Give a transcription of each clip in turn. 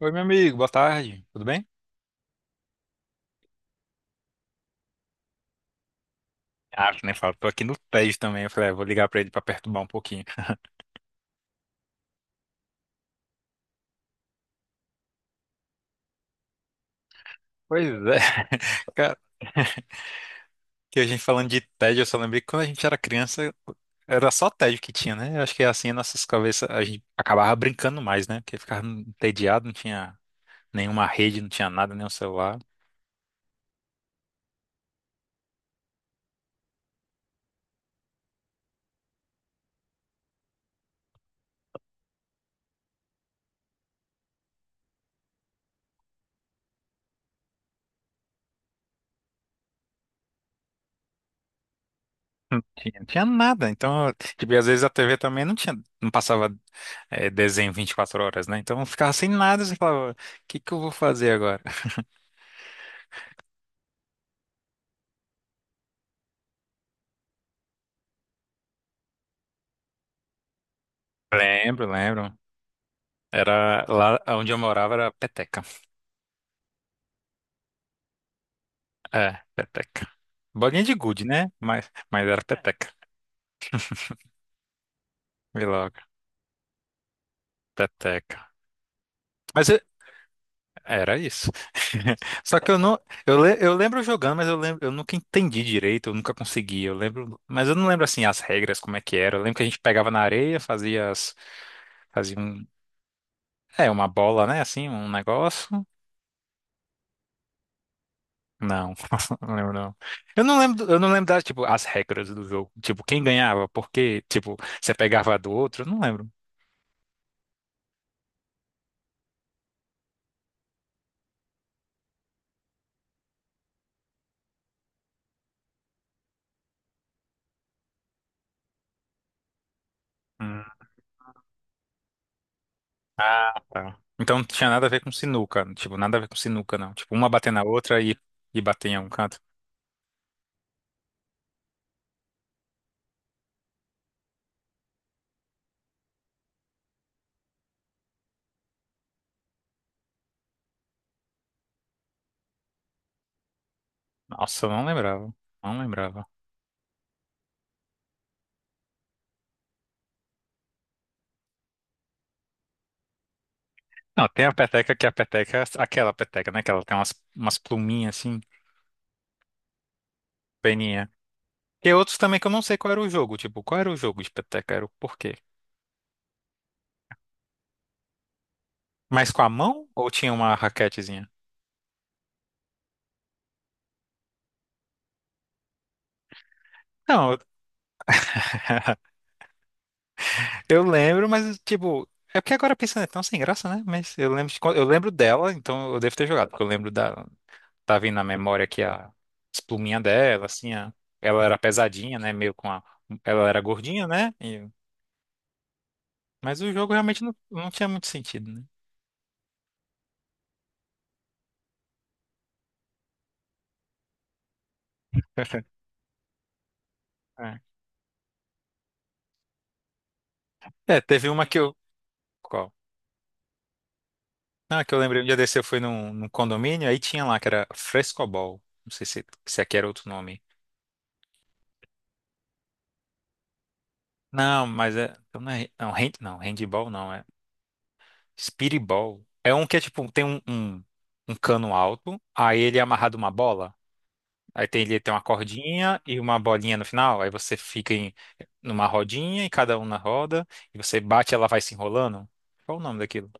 Oi, meu amigo, boa tarde, tudo bem? Ah, que nem falo, tô aqui no TED também. Eu falei, ah, vou ligar pra ele pra perturbar um pouquinho. Pois é, cara, que a gente falando de TED, eu só lembrei que quando a gente era criança, era só TED que tinha, né? Eu acho que é assim, nossas cabeças, a gente acabava brincando mais, né? Porque ficava entediado, não tinha nenhuma rede, não tinha nada, nenhum celular. Não tinha, não tinha nada. Então, tipo, e às vezes a TV também não tinha, não passava desenho 24 horas, né? Então eu ficava sem nada, você falava, o que que eu vou fazer agora? Lembro, lembro. Era lá onde eu morava era peteca. É, peteca. Bolinha de gude, né? Mas era peteca. Vi logo, peteca. Mas eu- era isso. Só que eu não, eu lembro jogando, mas eu lembro, eu nunca entendi direito, eu nunca consegui. Eu lembro, mas eu não lembro assim as regras, como é que era. Eu lembro que a gente pegava na areia, fazia as, fazia um, é, uma bola, né? Assim, um negócio. Não, não lembro não. Eu não lembro das, tipo, as regras do jogo. Tipo, quem ganhava, porque tipo, você pegava a do outro, eu não lembro. Hum. Ah, tá. Então não tinha nada a ver com sinuca, tipo, nada a ver com sinuca, não. Tipo, uma bater na outra e, bater em algum canto. Nossa, eu não lembrava, não lembrava. Não, tem a peteca que é a peteca, é aquela peteca, né? Que ela tem umas pluminhas assim, peninha. E outros também que eu não sei qual era o jogo, tipo, qual era o jogo de peteca, era o porquê. Mas com a mão ou tinha uma raquetezinha? Não, Eu lembro, mas tipo, é porque agora pensando é tão sem graça, né? Mas eu lembro, eu lembro dela, então eu devo ter jogado, porque eu lembro da tá vindo na memória aqui a as dela, assim, ela era pesadinha, né? Meio com a ela era gordinha, né? Mas o jogo realmente não, não tinha muito sentido, né? É. É, teve uma que eu qual? Ah, que eu lembrei um dia desse eu fui num, condomínio, aí tinha lá que era Frescobol. Não sei se aqui era outro nome. Não, mas é, não, hand, não, handball não, é Speedball. É um que é tipo, tem um cano alto, aí ele é amarrado uma bola. Aí tem, ele tem uma cordinha e uma bolinha no final. Aí você fica em, numa rodinha e cada um na roda. E você bate e ela vai se enrolando. Qual o nome daquilo?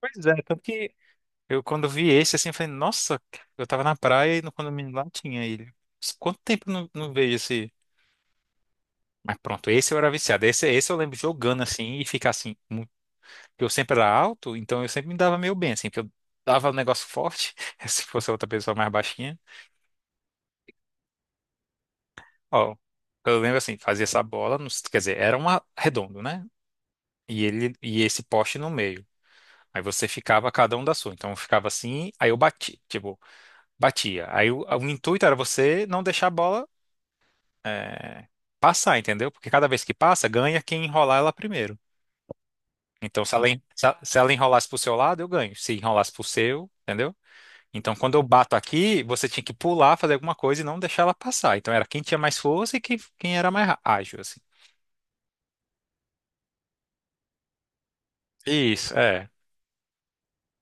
Pois é, tanto que eu quando vi esse assim, eu falei, nossa, eu tava na praia e no condomínio lá tinha ele. Quanto tempo eu não, não vejo esse? Mas pronto, esse eu era viciado. Esse eu lembro jogando assim e ficar assim. Porque eu sempre era alto, então eu sempre me dava meio bem, assim, porque eu dava um negócio forte, se fosse outra pessoa mais baixinha. Ó, eu lembro assim, fazia essa bola, quer dizer, era um redondo, né? E ele e esse poste no meio. Aí você ficava cada um da sua. Então eu ficava assim, aí eu bati, tipo, batia. Aí o intuito era você não deixar a bola é, passar, entendeu? Porque cada vez que passa, ganha quem enrolar ela primeiro. Então se ela, en- se ela se ela enrolasse pro seu lado, eu ganho. Se enrolasse pro seu, entendeu? Então, quando eu bato aqui, você tinha que pular, fazer alguma coisa e não deixar ela passar. Então, era quem tinha mais força e quem era mais ágil, assim. Isso, é.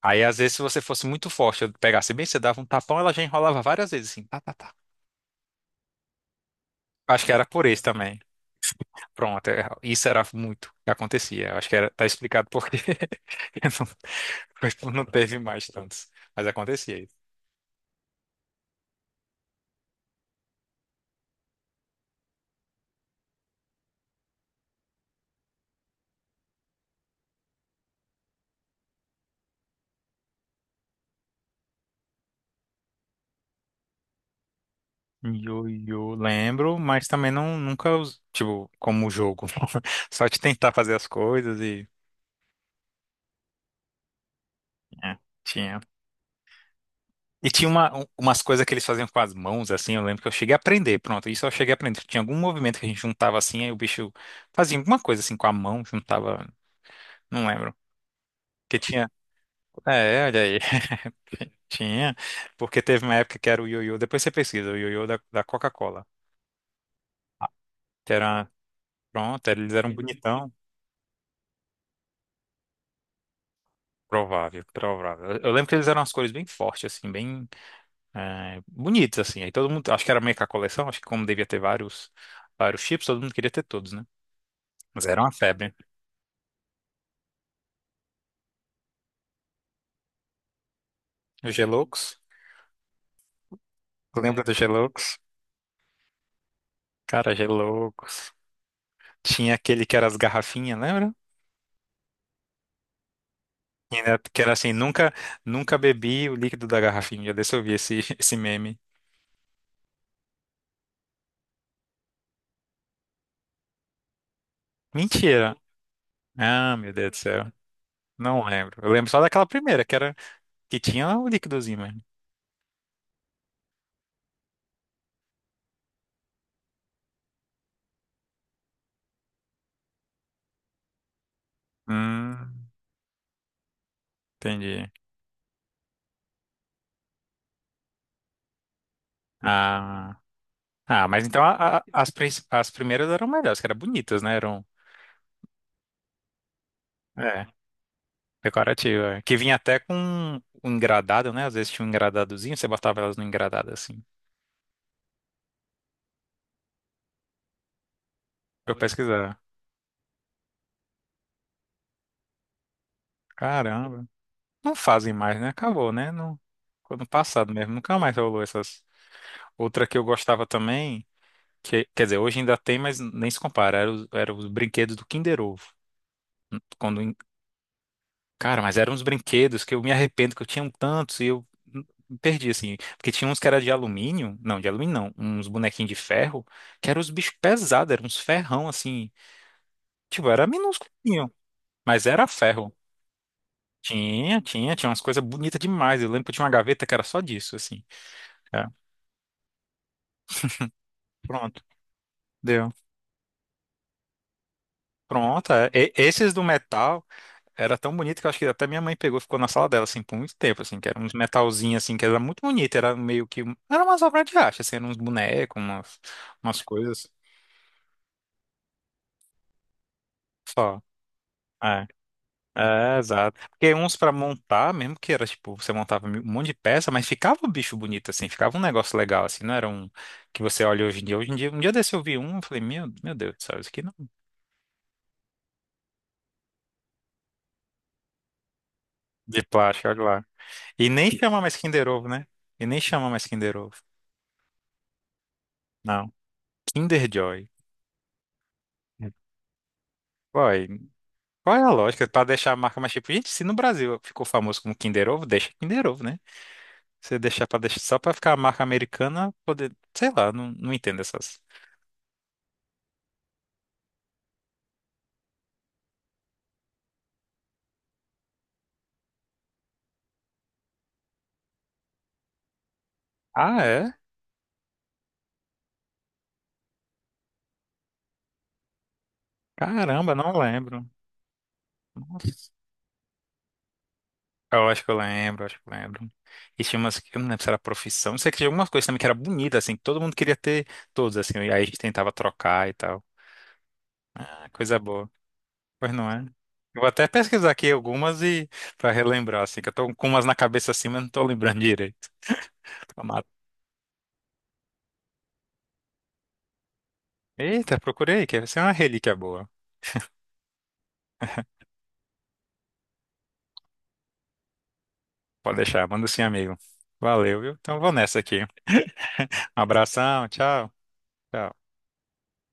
Aí, às vezes, se você fosse muito forte, eu pegasse bem, você dava um tapão, ela já enrolava várias vezes, assim, tá, tá, tá. Acho que era por isso também. Pronto, é, isso era muito o que acontecia. Eu acho que era, tá explicado por quê. Eu não- não teve mais tantos. Mas acontecia isso. Yo-yo, lembro, mas também não, nunca, tipo, como jogo. Só de tentar fazer as coisas e. É, tinha. E tinha umas coisas que eles faziam com as mãos, assim, eu lembro que eu cheguei a aprender, pronto, isso eu cheguei a aprender. Tinha algum movimento que a gente juntava assim, aí o bicho fazia alguma coisa assim com a mão, juntava, não lembro. Que tinha, é, olha aí, tinha, porque teve uma época que era o ioiô, depois você pesquisa, o ioiô da Coca-Cola, que era, pronto, eles eram bonitão, provável, provável. Eu lembro que eles eram as cores bem fortes, assim, bem bonitos, assim, aí todo mundo, acho que era meio que a coleção, acho que como devia ter vários, vários chips, todo mundo queria ter todos, né? Mas era uma febre. O Geloucos? Lembra do Geloucos? Cara, Geloucos. Tinha aquele que era as garrafinhas, lembra? Que era assim, nunca, nunca bebi o líquido da garrafinha. Já deixa eu ver esse, esse meme. Mentira. Ah, meu Deus do céu. Não lembro. Eu lembro só daquela primeira, que era que tinha o líquidozinho mesmo. Hum, entendi. Ah, ah, mas então as primeiras eram melhores, que eram bonitas, né? Eram. É, decorativo, é. Que vinha até com um engradado, né? Às vezes tinha um engradadozinho, você botava elas no engradado assim. Pra eu pesquisar. Caramba. Não fazem mais, né? Acabou, né? Não ficou no passado mesmo. Nunca mais rolou essas. Outra que eu gostava também, que, quer dizer, hoje ainda tem, mas nem se compara. Era os brinquedos do Kinder Ovo. Quando, en- cara, mas eram uns brinquedos que eu me arrependo que eu tinha um tantos e eu me perdi, assim. Porque tinha uns que era de alumínio. Não, de alumínio não. Uns bonequinhos de ferro que eram os bichos pesados, eram uns ferrão, assim. Tipo, era minúsculinho, mas era ferro. Tinha, tinha, tinha umas coisas bonitas demais. Eu lembro que eu tinha uma gaveta que era só disso, assim. É, pronto, deu. Pronto, é. Esses do metal era tão bonito que eu acho que até minha mãe pegou e ficou na sala dela, assim, por muito tempo, assim, que era uns metalzinhos, assim, que era muito bonito, era meio que, era umas obras de arte, assim, eram uns bonecos, umas coisas só. É. É, exato. Porque uns pra montar, mesmo que era tipo, você montava um monte de peça, mas ficava o bicho bonito assim, ficava um negócio legal assim, não era um que você olha hoje em dia. Hoje em dia, um dia desse eu vi um, eu falei, meu Deus do céu, isso aqui não. É de plástico, olha lá. E nem chama mais Kinder Ovo, né? E nem chama mais Kinder Ovo. Não. Kinder Joy. Uai, qual é a lógica? Pra deixar a marca mais tipo, gente, se no Brasil ficou famoso como Kinder Ovo, deixa Kinder Ovo, né? Você deixar pra deixar só pra ficar a marca americana, poder, sei lá, não, não entendo essas. Ah, é? Caramba, não lembro. Nossa. Eu acho que eu lembro, acho que eu lembro. E tinha umas, eu não lembro se era profissão, não sei que tinha algumas coisas também que era bonita, assim, que todo mundo queria ter todos, assim, e aí a gente tentava trocar e tal. Ah, coisa boa. Pois não é? Eu vou até pesquisar aqui algumas e pra relembrar, assim, que eu tô com umas na cabeça assim, mas não tô lembrando direito. Tomara. Eita, procurei, que essa é uma relíquia boa. Pode deixar, manda sim, amigo. Valeu, viu? Então vou nessa aqui. Um abração, tchau. Tchau.